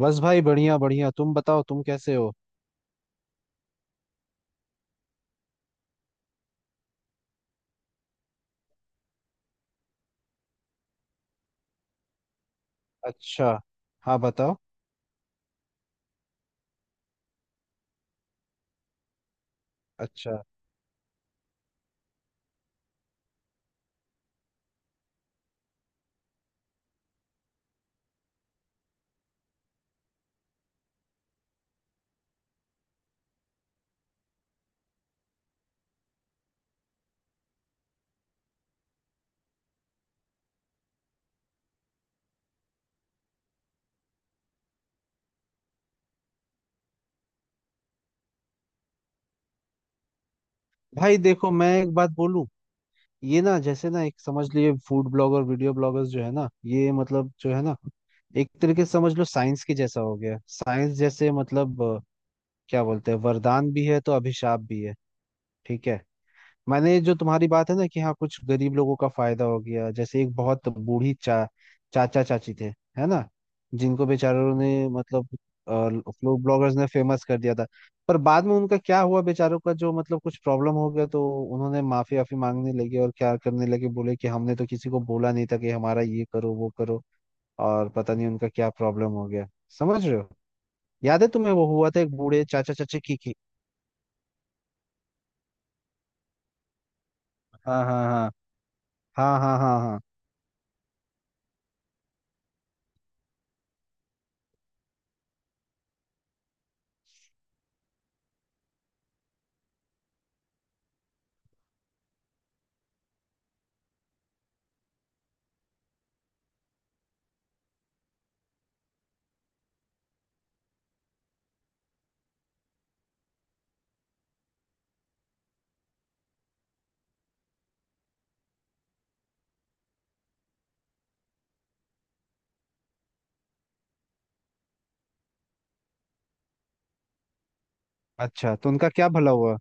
बस भाई, बढ़िया बढ़िया। तुम बताओ, तुम कैसे हो? अच्छा। हाँ, बताओ। अच्छा। भाई देखो, मैं एक बात बोलूं। ये ना, जैसे ना, एक समझ लिए फूड ब्लॉगर, वीडियो ब्लॉगर्स जो है ना, ये मतलब जो है ना, एक तरीके से समझ लो, साइंस के जैसा हो गया। साइंस जैसे मतलब क्या बोलते हैं, वरदान भी है तो अभिशाप भी है। ठीक है। मैंने जो तुम्हारी बात है ना, कि हाँ कुछ गरीब लोगों का फायदा हो गया, जैसे एक बहुत बूढ़ी चा चाचा चाची थे, है ना, जिनको बेचारों ने, मतलब, फ्लूड ब्लॉगर्स ने फेमस कर दिया था। पर बाद में उनका क्या हुआ बेचारों का, जो मतलब कुछ प्रॉब्लम हो गया तो उन्होंने माफी वाफी मांगने लगे और क्या करने लगे, बोले कि हमने तो किसी को बोला नहीं था कि हमारा ये करो वो करो। और पता नहीं उनका क्या प्रॉब्लम हो गया। समझ रहे हो? याद है तुम्हें? वो हुआ था एक बूढ़े चाचा चाची की। हाँ, हाँ, हाँ, हाँ, हाँ, हाँ, हाँ। अच्छा, तो उनका क्या भला हुआ?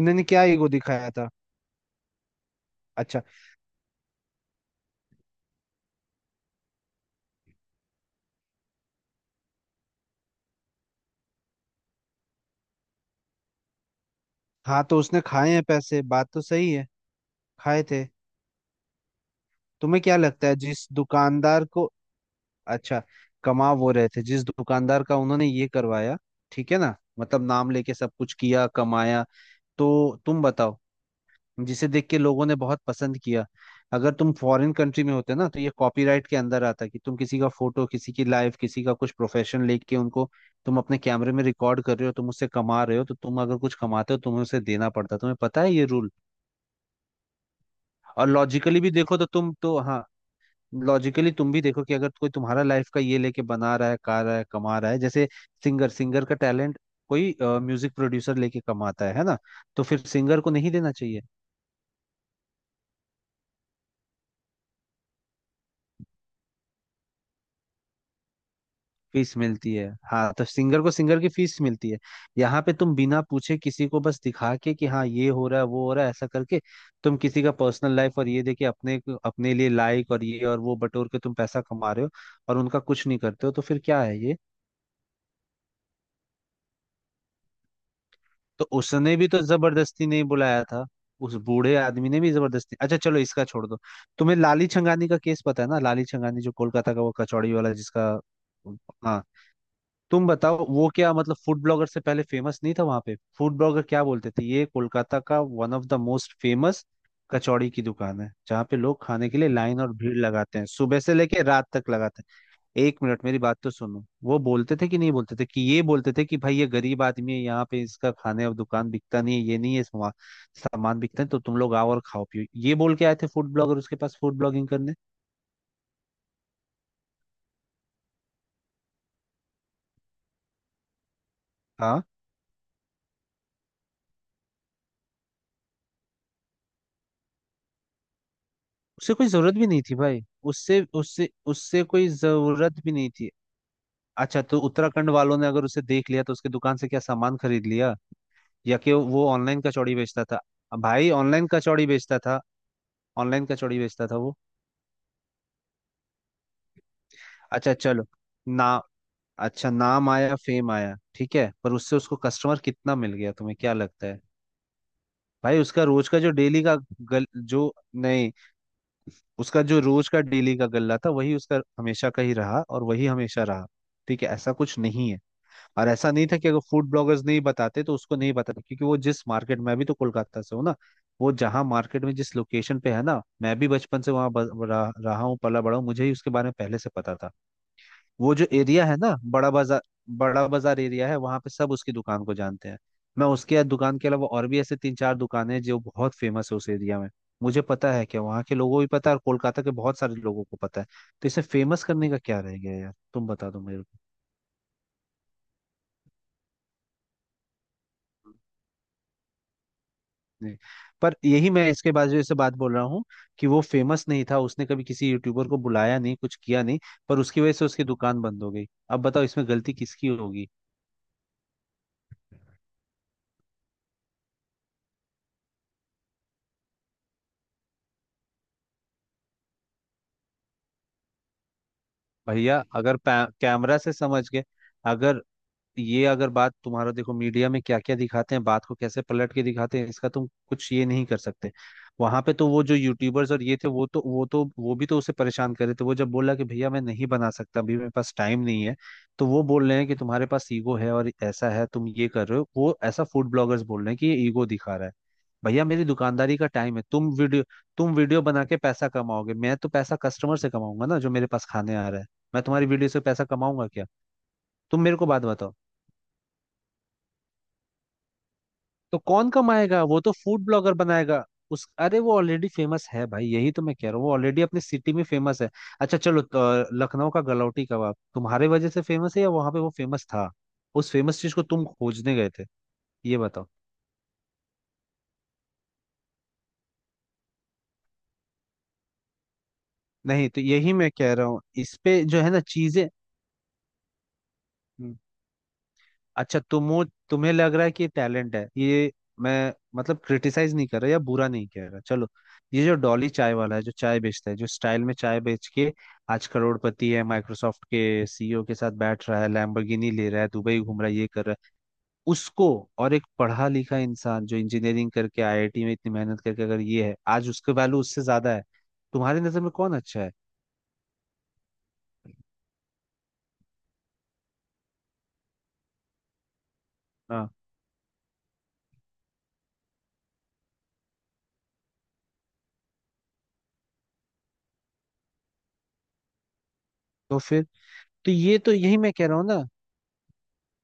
उन्होंने क्या ईगो दिखाया था? अच्छा। हाँ, तो उसने खाए हैं पैसे, बात तो सही है। खाए थे। तुम्हें क्या लगता है, जिस दुकानदार को, अच्छा, कमा वो रहे थे जिस दुकानदार का उन्होंने ये करवाया। ठीक है ना, मतलब नाम लेके सब कुछ किया कमाया। तो, तुम बताओ, जिसे देख के लोगों ने बहुत पसंद किया। अगर तुम फॉरेन कंट्री में होते ना, तो ये कॉपीराइट के अंदर आता कि तुम किसी का फोटो, किसी की लाइफ, किसी का कुछ प्रोफेशन लेके उनको, तुम अपने कैमरे में रिकॉर्ड कर रहे हो, तुम उससे कमा रहे हो, तो तुम अगर कुछ कमाते हो, तुम्हें उसे देना पड़ता है। तुम्हें पता है ये रूल? और लॉजिकली भी देखो तो तुम तो, हाँ, लॉजिकली तुम भी देखो, कि अगर कोई तुम्हारा लाइफ का ये लेके बना रहा है, गा रहा है, कमा रहा है, जैसे सिंगर, सिंगर का टैलेंट कोई म्यूजिक प्रोड्यूसर लेके कमाता है ना, तो फिर सिंगर को नहीं देना चाहिए? फीस मिलती है, हाँ, तो सिंगर को सिंगर की फीस मिलती है। यहाँ पे तुम बिना पूछे किसी को बस दिखा के कि हाँ ये हो रहा है, वो हो रहा है, ऐसा करके तुम किसी का पर्सनल लाइफ और ये देके, अपने अपने लिए लाइक और ये और वो बटोर के तुम पैसा कमा रहे हो, और उनका कुछ नहीं करते हो, तो फिर क्या है ये? तो उसने भी तो जबरदस्ती नहीं बुलाया था। उस बूढ़े आदमी ने भी जबरदस्ती, अच्छा चलो इसका छोड़ दो। तुम्हें लाली छंगानी का केस पता है ना, लाली छंगानी जो कोलकाता का वो कचौड़ी वाला जिसका, हाँ, तुम बताओ वो क्या मतलब फूड ब्लॉगर से पहले फेमस नहीं था वहां पे? फूड ब्लॉगर क्या बोलते थे, ये कोलकाता का one of the most famous कचौड़ी की दुकान है, जहाँ पे लोग खाने के लिए लाइन और भीड़ लगाते हैं, सुबह से लेके रात तक लगाते हैं। एक मिनट, मेरी बात तो सुनो। वो बोलते थे कि नहीं, बोलते थे कि ये बोलते थे कि भाई ये गरीब आदमी है, यहाँ पे इसका खाने और दुकान बिकता नहीं है, ये नहीं है सामान, सामान बिकता है, तो तुम लोग आओ और खाओ पियो, ये बोल के आए थे फूड ब्लॉगर उसके पास फूड ब्लॉगिंग करने। हाँ, उसे कोई जरूरत भी नहीं थी भाई। उससे उससे उससे कोई जरूरत भी नहीं थी। अच्छा, तो उत्तराखंड वालों ने अगर उसे देख लिया, तो उसके दुकान से क्या सामान खरीद लिया? या कि वो ऑनलाइन कचौड़ी बेचता था? भाई ऑनलाइन कचौड़ी बेचता था? ऑनलाइन कचौड़ी बेचता था वो? अच्छा चलो। ना, अच्छा नाम आया, फेम आया, ठीक है, पर उससे उसको कस्टमर कितना मिल गया, तुम्हें क्या लगता है? भाई उसका रोज का, जो डेली का, गल जो, नहीं, उसका जो रोज का डेली का गल्ला था वही उसका हमेशा का ही रहा और वही हमेशा रहा। ठीक है, ऐसा कुछ नहीं है। और ऐसा नहीं था कि अगर फूड ब्लॉगर्स नहीं बताते तो उसको नहीं बताते, क्योंकि वो जिस मार्केट में, अभी तो कोलकाता से हूँ ना, वो जहाँ मार्केट में जिस लोकेशन पे है ना, मैं भी बचपन से वहाँ रहा रहा हूँ, पला बड़ा हूँ, मुझे ही उसके बारे में पहले से पता था। वो जो एरिया है ना, बड़ा बाजार, बड़ा बाजार एरिया है, वहाँ पे सब उसकी दुकान को जानते हैं। मैं उसके दुकान के अलावा और भी ऐसे तीन चार दुकानें हैं जो बहुत फेमस है उस एरिया में। मुझे पता है कि वहाँ के लोगों को भी पता है, और कोलकाता के बहुत सारे लोगों को पता है। तो इसे फेमस करने का क्या रह गया यार, तुम बता दो मेरे को। जी। पर यही मैं इसके बाद जो इससे बात बोल रहा हूँ, कि वो फेमस नहीं था, उसने कभी किसी यूट्यूबर को बुलाया नहीं, कुछ किया नहीं, पर उसकी वजह से उसकी दुकान बंद हो गई। अब बताओ, इसमें गलती किसकी होगी? भैया अगर कैमरा से समझ गए, अगर, ये अगर बात तुम्हारा, देखो मीडिया में क्या क्या दिखाते हैं, बात को कैसे पलट के दिखाते हैं, इसका तुम कुछ ये नहीं कर सकते। वहां पे तो वो जो यूट्यूबर्स और ये थे, वो तो वो भी तो उसे परेशान कर रहे थे। वो जब बोला कि भैया मैं नहीं बना सकता, अभी मेरे पास टाइम नहीं है, तो वो बोल रहे हैं कि तुम्हारे पास ईगो है और ऐसा है, तुम ये कर रहे हो वो ऐसा, फूड ब्लॉगर्स बोल रहे हैं कि ये ईगो दिखा रहा है। भैया मेरी दुकानदारी का टाइम है, तुम वीडियो बना के पैसा कमाओगे, मैं तो पैसा कस्टमर से कमाऊंगा ना, जो मेरे पास खाने आ रहा है। मैं तुम्हारी वीडियो से पैसा कमाऊंगा क्या? तुम मेरे को बात बताओ। तो कौन कमाएगा, वो तो फूड ब्लॉगर बनाएगा। उस अरे, वो ऑलरेडी फेमस है भाई, यही तो मैं कह रहा हूँ, वो ऑलरेडी अपने सिटी में फेमस है। अच्छा चलो तो, लखनऊ का गलौटी कबाब तुम्हारे वजह से फेमस है या वहां पे वो फेमस था? उस फेमस चीज को तुम खोजने गए थे? ये बताओ। नहीं, तो यही मैं कह रहा हूँ, इस पे जो है ना चीजें। अच्छा, तुम्हें लग रहा है कि टैलेंट है ये? मैं मतलब क्रिटिसाइज नहीं कर रहा या बुरा नहीं कह रहा, चलो। ये जो डॉली चाय वाला है, जो चाय बेचता है, जो स्टाइल में चाय बेच के आज करोड़पति है, माइक्रोसॉफ्ट के सीईओ के साथ बैठ रहा है, लैम्बोर्गिनी ले रहा है, दुबई घूम रहा है, ये कर रहा है उसको, और एक पढ़ा लिखा इंसान जो इंजीनियरिंग करके आईआईटी में इतनी मेहनत करके, अगर ये है आज, उसके वैल्यू उससे ज्यादा है। तुम्हारी नजर में कौन अच्छा है? हाँ। तो फिर, तो ये तो यही मैं कह रहा हूँ ना,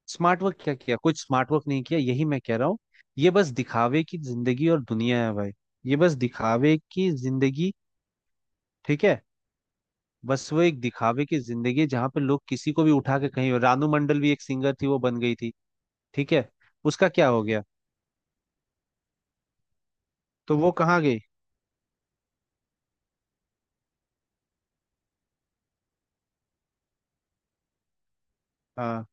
स्मार्ट वर्क क्या किया, कुछ स्मार्ट वर्क नहीं किया, यही मैं कह रहा हूँ। ये बस दिखावे की जिंदगी और दुनिया है भाई। ये बस दिखावे की जिंदगी। ठीक है। बस वो एक दिखावे की जिंदगी है, जहाँ पे लोग किसी को भी उठा के कहीं, रानू मंडल भी एक सिंगर थी वो बन गई थी। ठीक है। उसका क्या हो गया? तो वो कहाँ गई? हाँ।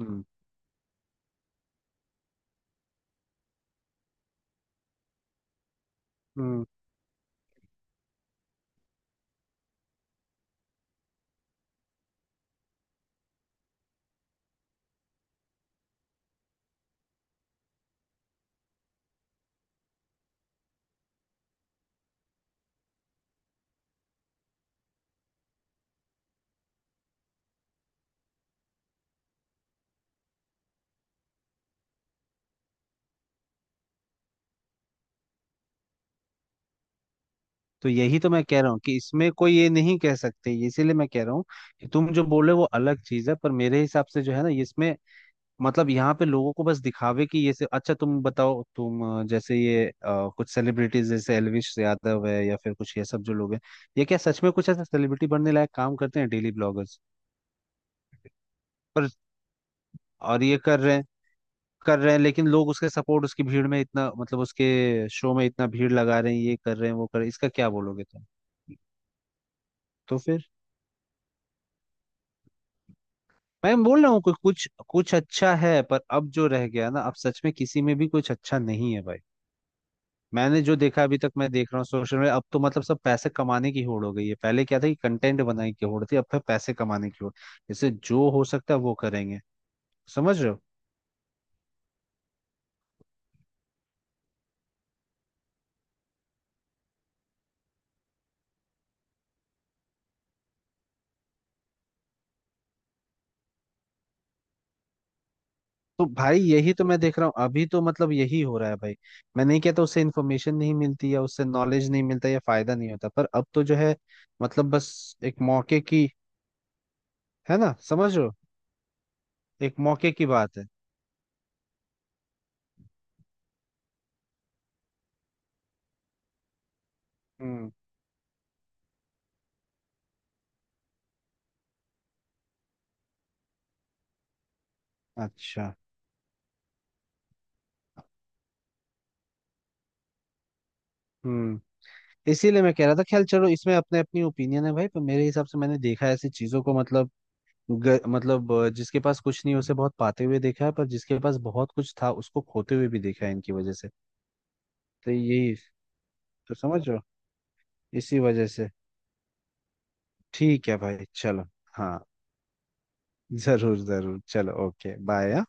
हम्म। हम्म। तो यही तो मैं कह रहा हूँ, कि इसमें कोई ये नहीं कह सकते, इसीलिए मैं कह रहा हूँ, कि तुम जो बोले वो अलग चीज है, पर मेरे हिसाब से जो है ना इसमें, मतलब यहाँ पे लोगों को बस दिखावे कि ये से, अच्छा तुम बताओ, तुम जैसे ये कुछ सेलिब्रिटीज जैसे एलविश यादव है या फिर कुछ ये सब जो लोग हैं, ये क्या सच में कुछ ऐसा सेलिब्रिटी बनने लायक काम करते हैं डेली ब्लॉगर्स? पर, और ये कर रहे हैं, कर रहे हैं, लेकिन लोग उसके सपोर्ट, उसकी भीड़ में इतना, मतलब उसके शो में इतना भीड़ लगा रहे हैं, ये कर रहे हैं, वो कर रहे हैं, इसका क्या बोलोगे तुम? तो फिर, मैं बोल रहा हूँ कोई कुछ कुछ अच्छा है, पर अब जो रह गया ना, अब सच में किसी में भी कुछ अच्छा नहीं है भाई। मैंने जो देखा अभी तक मैं देख रहा हूँ सोशल मीडिया, अब तो मतलब सब पैसे कमाने की होड़ हो गई है। पहले क्या था कि कंटेंट बनाने की होड़ थी, अब फिर पैसे कमाने की होड़, इससे जो हो सकता है वो करेंगे। समझ रहे हो? तो भाई यही तो मैं देख रहा हूँ, अभी तो मतलब यही हो रहा है भाई। मैं नहीं कहता उससे इन्फॉर्मेशन नहीं मिलती या उससे नॉलेज नहीं मिलता या फायदा नहीं होता, पर अब तो जो है, मतलब बस एक मौके की, है ना, समझ रहे हो? एक मौके की बात है। हम्म। अच्छा। हम्म। इसीलिए मैं कह रहा था, खैर चलो, इसमें अपने अपनी ओपिनियन है भाई, पर मेरे हिसाब से मैंने देखा है ऐसी चीजों को, मतलब मतलब जिसके पास कुछ नहीं है, उसे बहुत पाते हुए देखा है, पर जिसके पास बहुत कुछ था उसको खोते हुए भी देखा है इनकी वजह से। तो यही तो, समझ रहे हो? इसी वजह से। ठीक है भाई, चलो। हाँ। जरूर जरूर, चलो, ओके, बाय।